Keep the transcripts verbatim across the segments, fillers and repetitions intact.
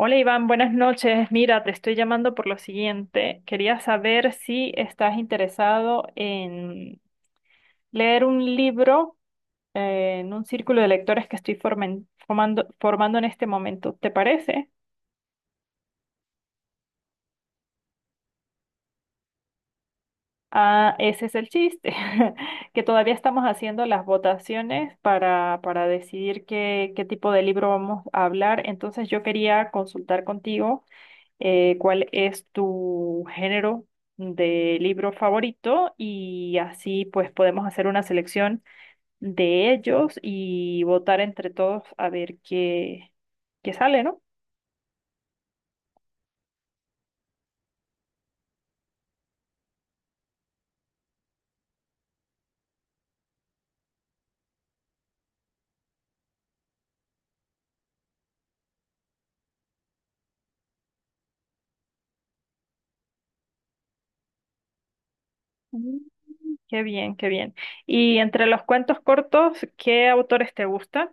Hola Iván, buenas noches. Mira, te estoy llamando por lo siguiente. Quería saber si estás interesado en leer un libro eh, en un círculo de lectores que estoy formen- formando, formando en este momento. ¿Te parece? Ah, ese es el chiste, que todavía estamos haciendo las votaciones para, para decidir qué, qué tipo de libro vamos a hablar. Entonces yo quería consultar contigo eh, cuál es tu género de libro favorito y así pues podemos hacer una selección de ellos y votar entre todos a ver qué, qué sale, ¿no? Mm. Qué bien, qué bien. Y entre los cuentos cortos, ¿qué autores te gustan?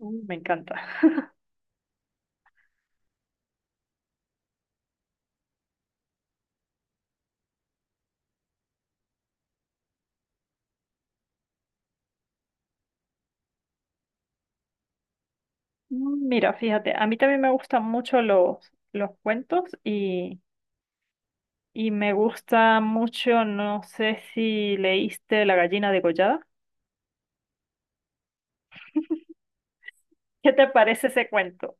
Uh, me encanta. Mm, Mira, fíjate, a mí también me gustan mucho los, los cuentos y, y me gusta mucho, no sé si leíste La gallina degollada. ¿Qué te parece ese cuento?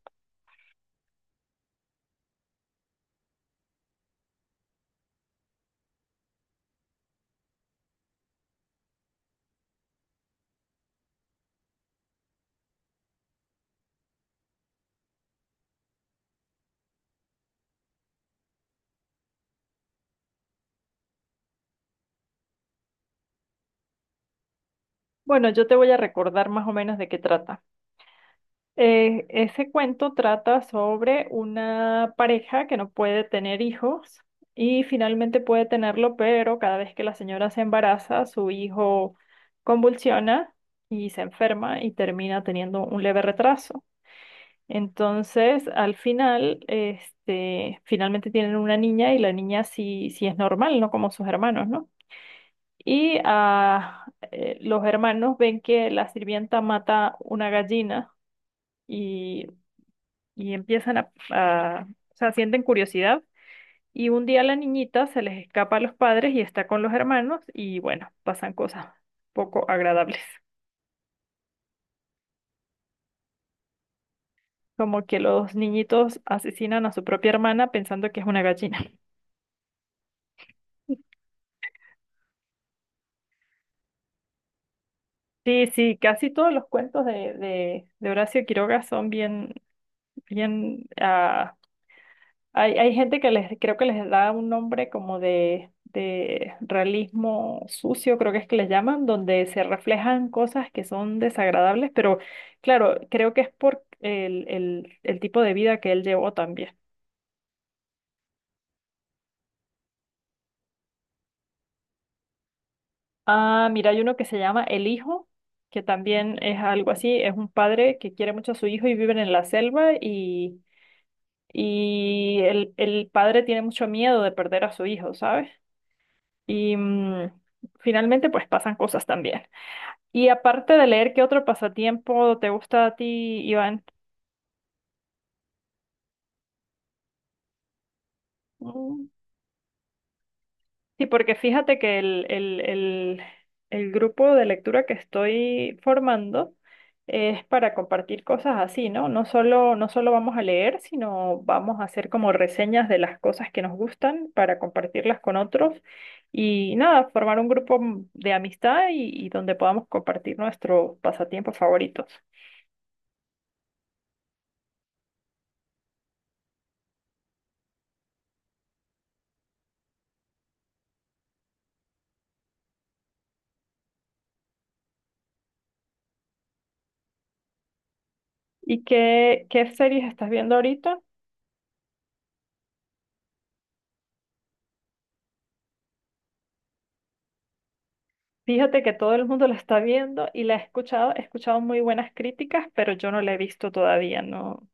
Bueno, yo te voy a recordar más o menos de qué trata. Eh, ese cuento trata sobre una pareja que no puede tener hijos y finalmente puede tenerlo, pero cada vez que la señora se embaraza, su hijo convulsiona y se enferma y termina teniendo un leve retraso. Entonces, al final, este, finalmente tienen una niña y la niña sí, sí es normal, no como sus hermanos, ¿no? Y ah, eh, los hermanos ven que la sirvienta mata una gallina y, y empiezan a, a- o sea, sienten curiosidad. Y un día la niñita se les escapa a los padres y está con los hermanos y bueno, pasan cosas poco agradables. Como que los niñitos asesinan a su propia hermana pensando que es una gallina. Sí, sí, casi todos los cuentos de, de, de Horacio Quiroga son bien, bien ah, Hay, hay gente que les, creo que les da un nombre como de, de realismo sucio, creo que es que les llaman, donde se reflejan cosas que son desagradables, pero claro, creo que es por el, el, el tipo de vida que él llevó también. Ah, mira, hay uno que se llama El Hijo, que también es algo así, es un padre que quiere mucho a su hijo y viven en la selva y, y el, el padre tiene mucho miedo de perder a su hijo, ¿sabes? Y mm, finalmente pues pasan cosas también. Y aparte de leer, ¿qué otro pasatiempo te gusta a ti, Iván? Mm. Sí, porque fíjate que el, el, el, el grupo de lectura que estoy formando es para compartir cosas así, ¿no? No solo, no solo vamos a leer, sino vamos a hacer como reseñas de las cosas que nos gustan para compartirlas con otros y nada, formar un grupo m- de amistad y, y donde podamos compartir nuestros pasatiempos favoritos. ¿Y qué, qué series estás viendo ahorita? Fíjate que todo el mundo la está viendo y la he escuchado, he escuchado muy buenas críticas, pero yo no la he visto todavía, no.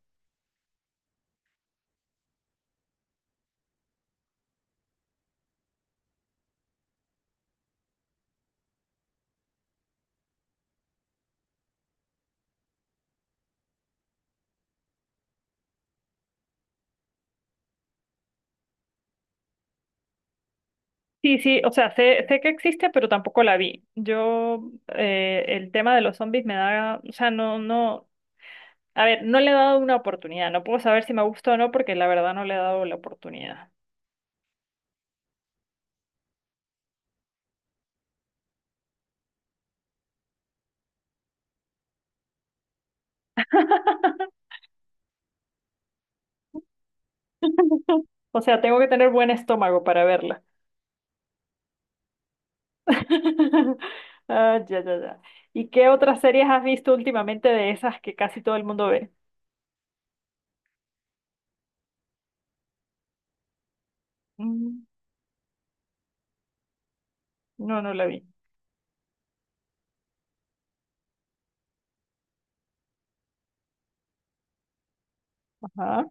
Sí, sí, o sea, sé, sé que existe, pero tampoco la vi. Yo, eh, el tema de los zombies me da, o sea, no, no, a ver, no le he dado una oportunidad, no puedo saber si me gustó o no, porque la verdad no le he dado la oportunidad. O sea, tengo que tener buen estómago para verla. Ah, ya, ya, ya. ¿Y qué otras series has visto últimamente de esas que casi todo el mundo ve? Mm, No, no la vi. Ajá.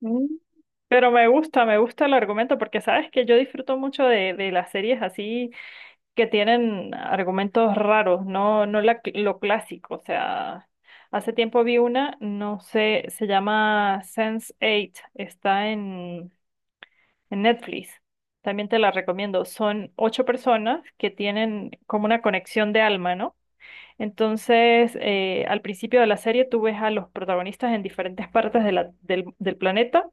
Mm. Pero me gusta, me gusta el argumento porque sabes que yo disfruto mucho de, de las series así que tienen argumentos raros, no, no la cl- lo clásico. O sea, hace tiempo vi una, no sé, se llama sense Eight, está en, en Netflix. También te la recomiendo. Son ocho personas que tienen como una conexión de alma, ¿no? Entonces, eh, al principio de la serie tú ves a los protagonistas en diferentes partes de la- del del planeta,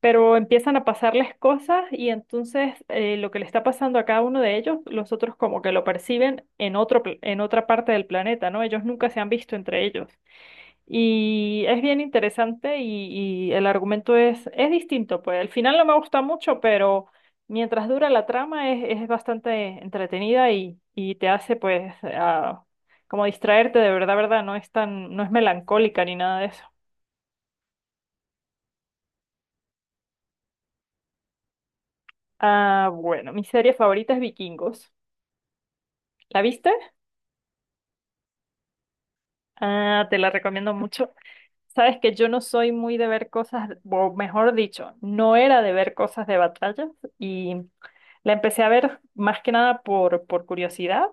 pero empiezan a pasarles cosas y entonces eh, lo que le está pasando a cada uno de ellos, los otros como que lo perciben en otro, pl- en otra parte del planeta, ¿no? Ellos nunca se han visto entre ellos. Y es bien interesante y, y el argumento es, es distinto, pues al final no me gusta mucho, pero mientras dura la trama es, es bastante entretenida y, y te hace pues ah, como distraerte de verdad, verdad, no es tan, no es melancólica ni nada de eso. Ah, bueno, mi serie favorita es Vikingos. ¿La viste? Ah, te la recomiendo mucho. Sabes que yo no soy muy de ver cosas, o mejor dicho, no era de ver cosas de batallas y la empecé a ver más que nada por, por curiosidad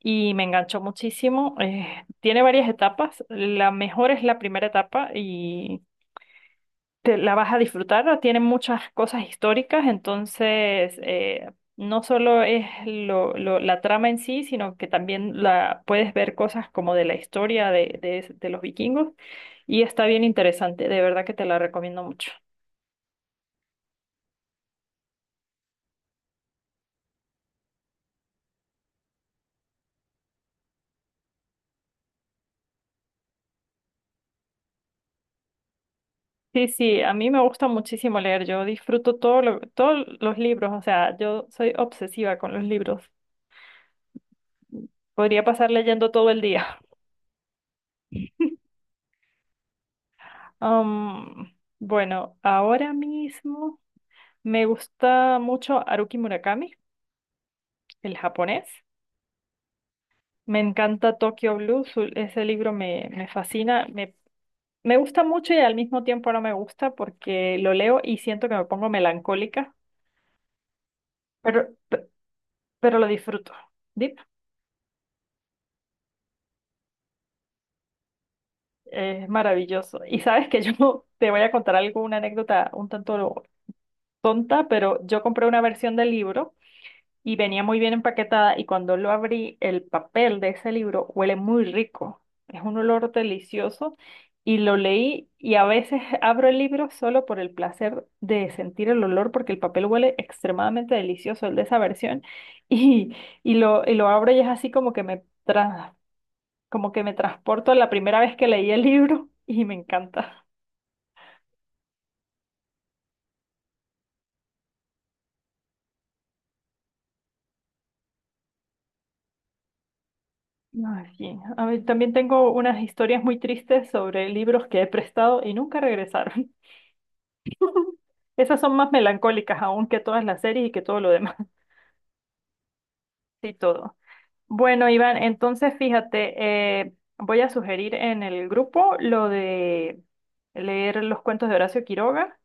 y me enganchó muchísimo. Eh, tiene varias etapas, la mejor es la primera etapa y te la vas a disfrutar, tiene muchas cosas históricas, entonces eh, no solo es lo, lo- la trama en sí, sino que también la, puedes ver cosas como de la historia de de- de los vikingos. Y está bien interesante, de verdad que te la recomiendo mucho. Sí, sí, a mí me gusta muchísimo leer, yo disfruto todo lo- todos los libros, o sea, yo soy obsesiva con los libros. Podría pasar leyendo todo el día. Am, bueno, ahora mismo me gusta mucho Haruki Murakami, el japonés. Me encanta Tokyo Blues, ese libro me, me fascina, me, me gusta mucho y al mismo tiempo no me gusta porque lo leo y siento que me pongo melancólica. Pero, pero lo disfruto. Dip, es maravilloso. Y sabes que yo te voy a contar algo, una anécdota un tanto tonta, pero yo compré una versión del libro y venía muy bien empaquetada y cuando lo abrí, el papel de ese libro huele muy rico. Es un olor delicioso y lo leí y a veces abro el libro solo por el placer de sentir el olor porque el papel huele extremadamente delicioso, el de esa versión. Y, y lo, y lo abro y es así como que me tra- como que me transporto a la primera vez que leí el libro y me encanta. Ay, sí. A mí también tengo unas historias muy tristes sobre libros que he prestado y nunca regresaron. Esas son más melancólicas aún que todas las series y que todo lo demás y todo. Bueno, Iván, entonces fíjate, eh, voy a sugerir en el grupo lo de leer los cuentos de Horacio Quiroga.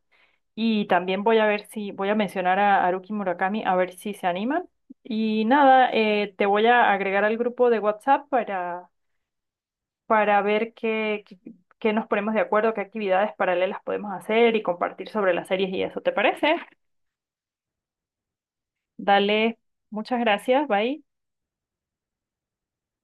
Y también voy a ver si, voy a mencionar a Haruki Murakami, a ver si se animan. Y nada, eh, te voy a agregar al grupo de WhatsApp para, para ver qué, qué, qué nos ponemos de acuerdo, qué actividades paralelas podemos hacer y compartir sobre las series y eso. ¿Te parece? Dale, muchas gracias, bye.